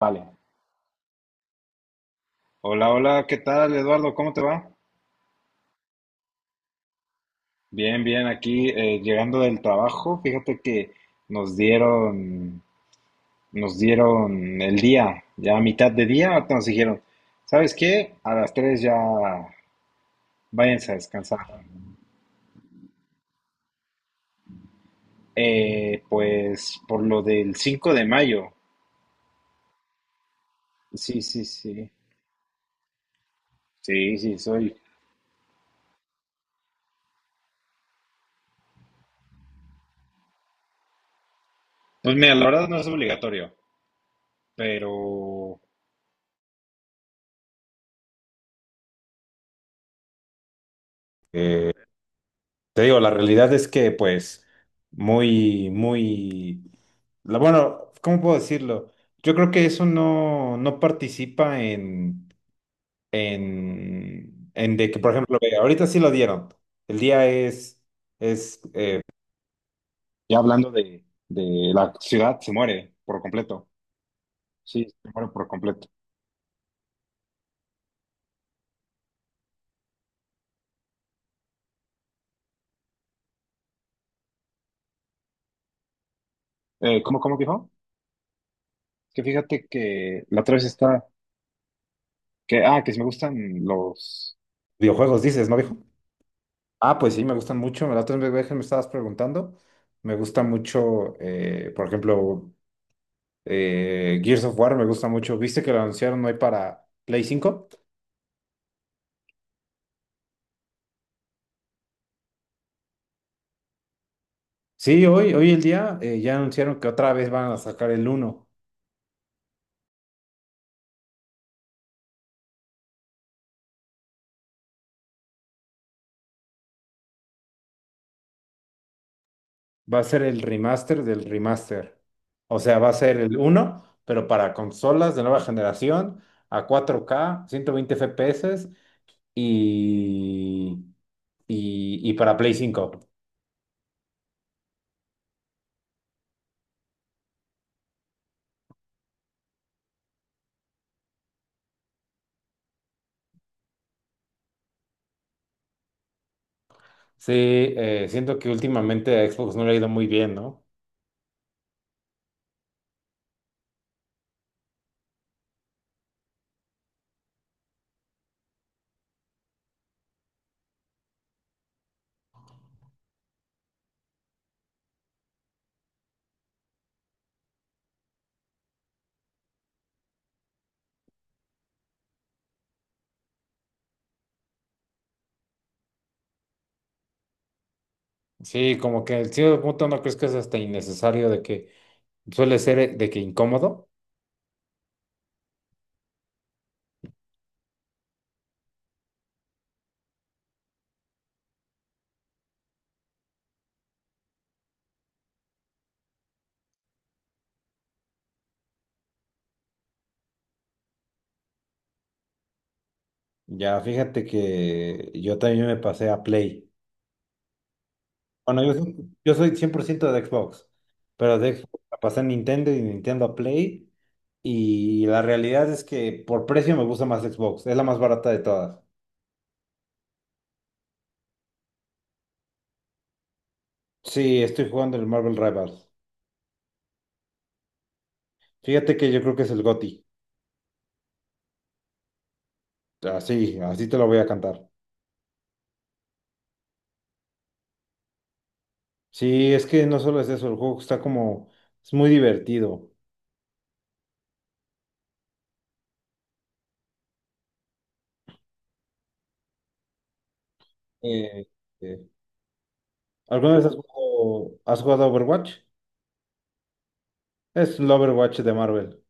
Vale. Hola, hola, ¿qué tal, Eduardo? ¿Cómo te va? Bien, bien, aquí llegando del trabajo. Fíjate que nos dieron, nos dieron el día, ya a mitad de día, ahorita nos dijeron, ¿sabes qué? A las 3 ya váyanse a descansar. Pues por lo del 5 de mayo. Sí, sí, sí. Sí, sí, soy. Pues mira, la verdad no es obligatorio, pero. Te digo, la realidad es que, pues, muy, muy, bueno, ¿cómo puedo decirlo? Yo creo que eso no participa en, de que, por ejemplo, ve, ahorita sí lo dieron. El día es, eh, ya hablando de la ciudad, se muere por completo. Sí, se muere por completo. ¿Cómo dijo? Que fíjate que la otra vez está, que si me gustan los videojuegos, dices, ¿no, dijo? Ah, pues sí, me gustan mucho. La otra vez que me estabas preguntando, me gusta mucho, por ejemplo, Gears of War, me gusta mucho. ¿Viste que lo anunciaron hoy para Play 5? Sí, hoy el día ya anunciaron que otra vez van a sacar el uno. Va a ser el remaster del remaster. O sea, va a ser el uno, pero para consolas de nueva generación, a 4K 120 FPS y, y para Play 5. Sí, siento que últimamente a Xbox no le ha ido muy bien, ¿no? Sí, como que en cierto punto no crees que es hasta innecesario de que suele ser de que incómodo. Ya, fíjate que yo también me pasé a Play. Bueno, yo soy 100% de Xbox, pero de Xbox me pasé a Nintendo y de Nintendo a Play. Y la realidad es que por precio me gusta más Xbox, es la más barata de todas. Sí, estoy jugando el Marvel Rivals. Fíjate que yo creo que es el GOTY. Así, así te lo voy a cantar. Sí, es que no solo es eso, el juego está como, es muy divertido. Eh, eh, ¿Alguna vez has jugado a Overwatch? Es el Overwatch de Marvel.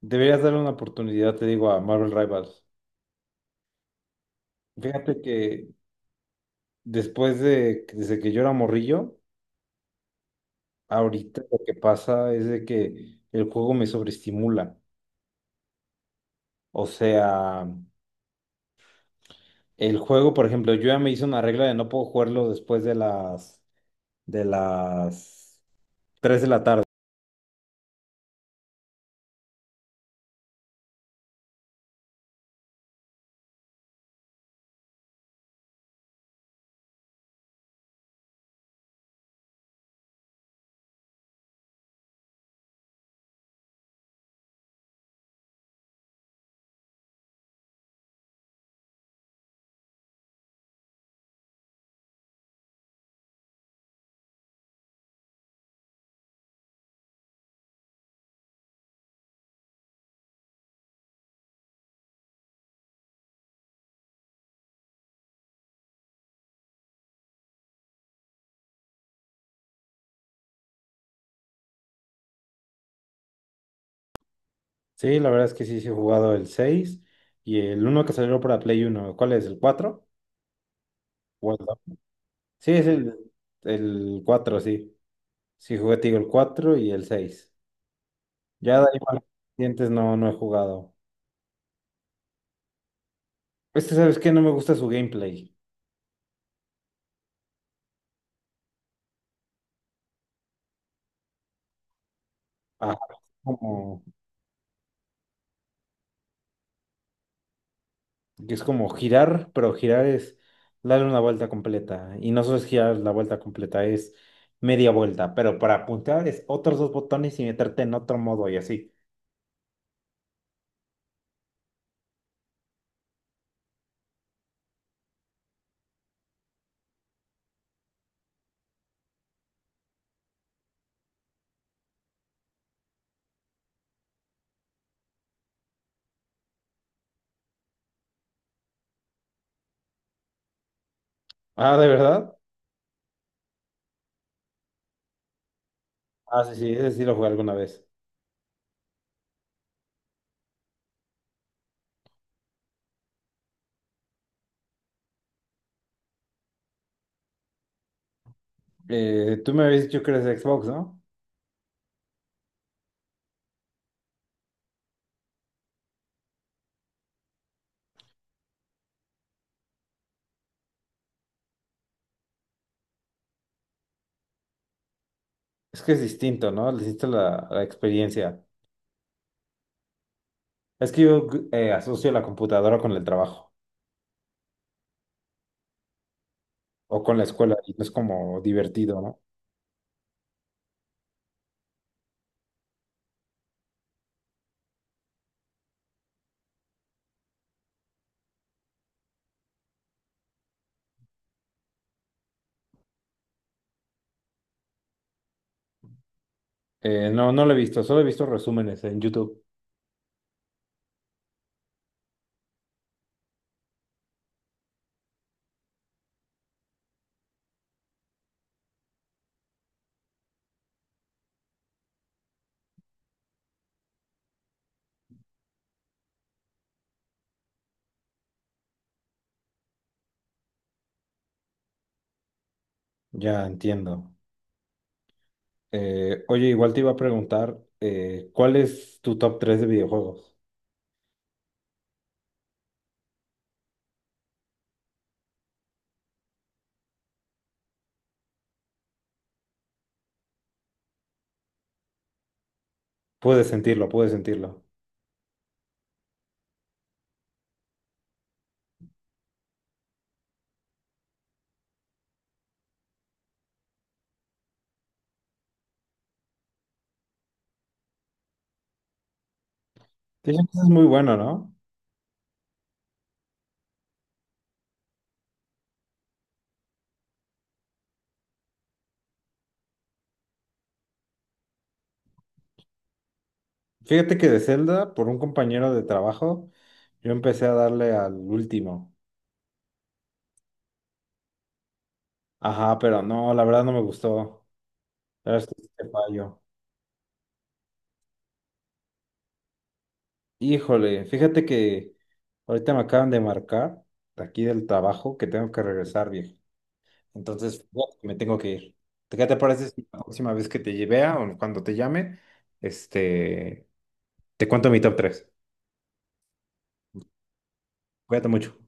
Deberías darle una oportunidad, te digo, a Marvel Rivals. Fíjate que desde que yo era morrillo, ahorita lo que pasa es de que el juego me sobreestimula. O sea, el juego, por ejemplo, yo ya me hice una regla de no puedo jugarlo después de las 3 de la tarde. Sí, la verdad es que sí, sí he jugado el 6 y el uno que salió para Play Uno. ¿Cuál es? ¿El cuatro? ¿O el dos? Sí, es el 4. Sí, Sí, jugué, te digo, el 4 y el 6. Ya de ahí para dientes no he jugado. Este, ¿sabes qué? No me gusta su gameplay. Ah, como, que es como girar, pero girar es darle una vuelta completa. Y no solo es girar la vuelta completa, es media vuelta. Pero para apuntar es otros dos botones y meterte en otro modo y así. Ah, ¿de verdad? Ah, sí, sí, ese sí lo jugué alguna vez. Tú me habías dicho que eres de Xbox, ¿no? Es que es distinto, ¿no? Le hiciste la experiencia. Es que yo asocio la computadora con el trabajo o con la escuela y no es como divertido, ¿no? No, no lo he visto, solo he visto resúmenes en YouTube. Ya entiendo. Oye, igual te iba a preguntar, ¿cuál es tu top 3 de videojuegos? Puedes sentirlo, puedes sentirlo. Dicen es muy bueno, ¿no? Fíjate que de Zelda, por un compañero de trabajo, yo empecé a darle al último. Ajá, pero no, la verdad no me gustó. La verdad es que sí te fallo. Híjole, fíjate que ahorita me acaban de marcar de aquí del trabajo que tengo que regresar, viejo. Entonces, fíjate que me tengo que ir. ¿Qué te parece si la próxima vez que te lleve o cuando te llame, este, te cuento mi top 3? Cuídate mucho.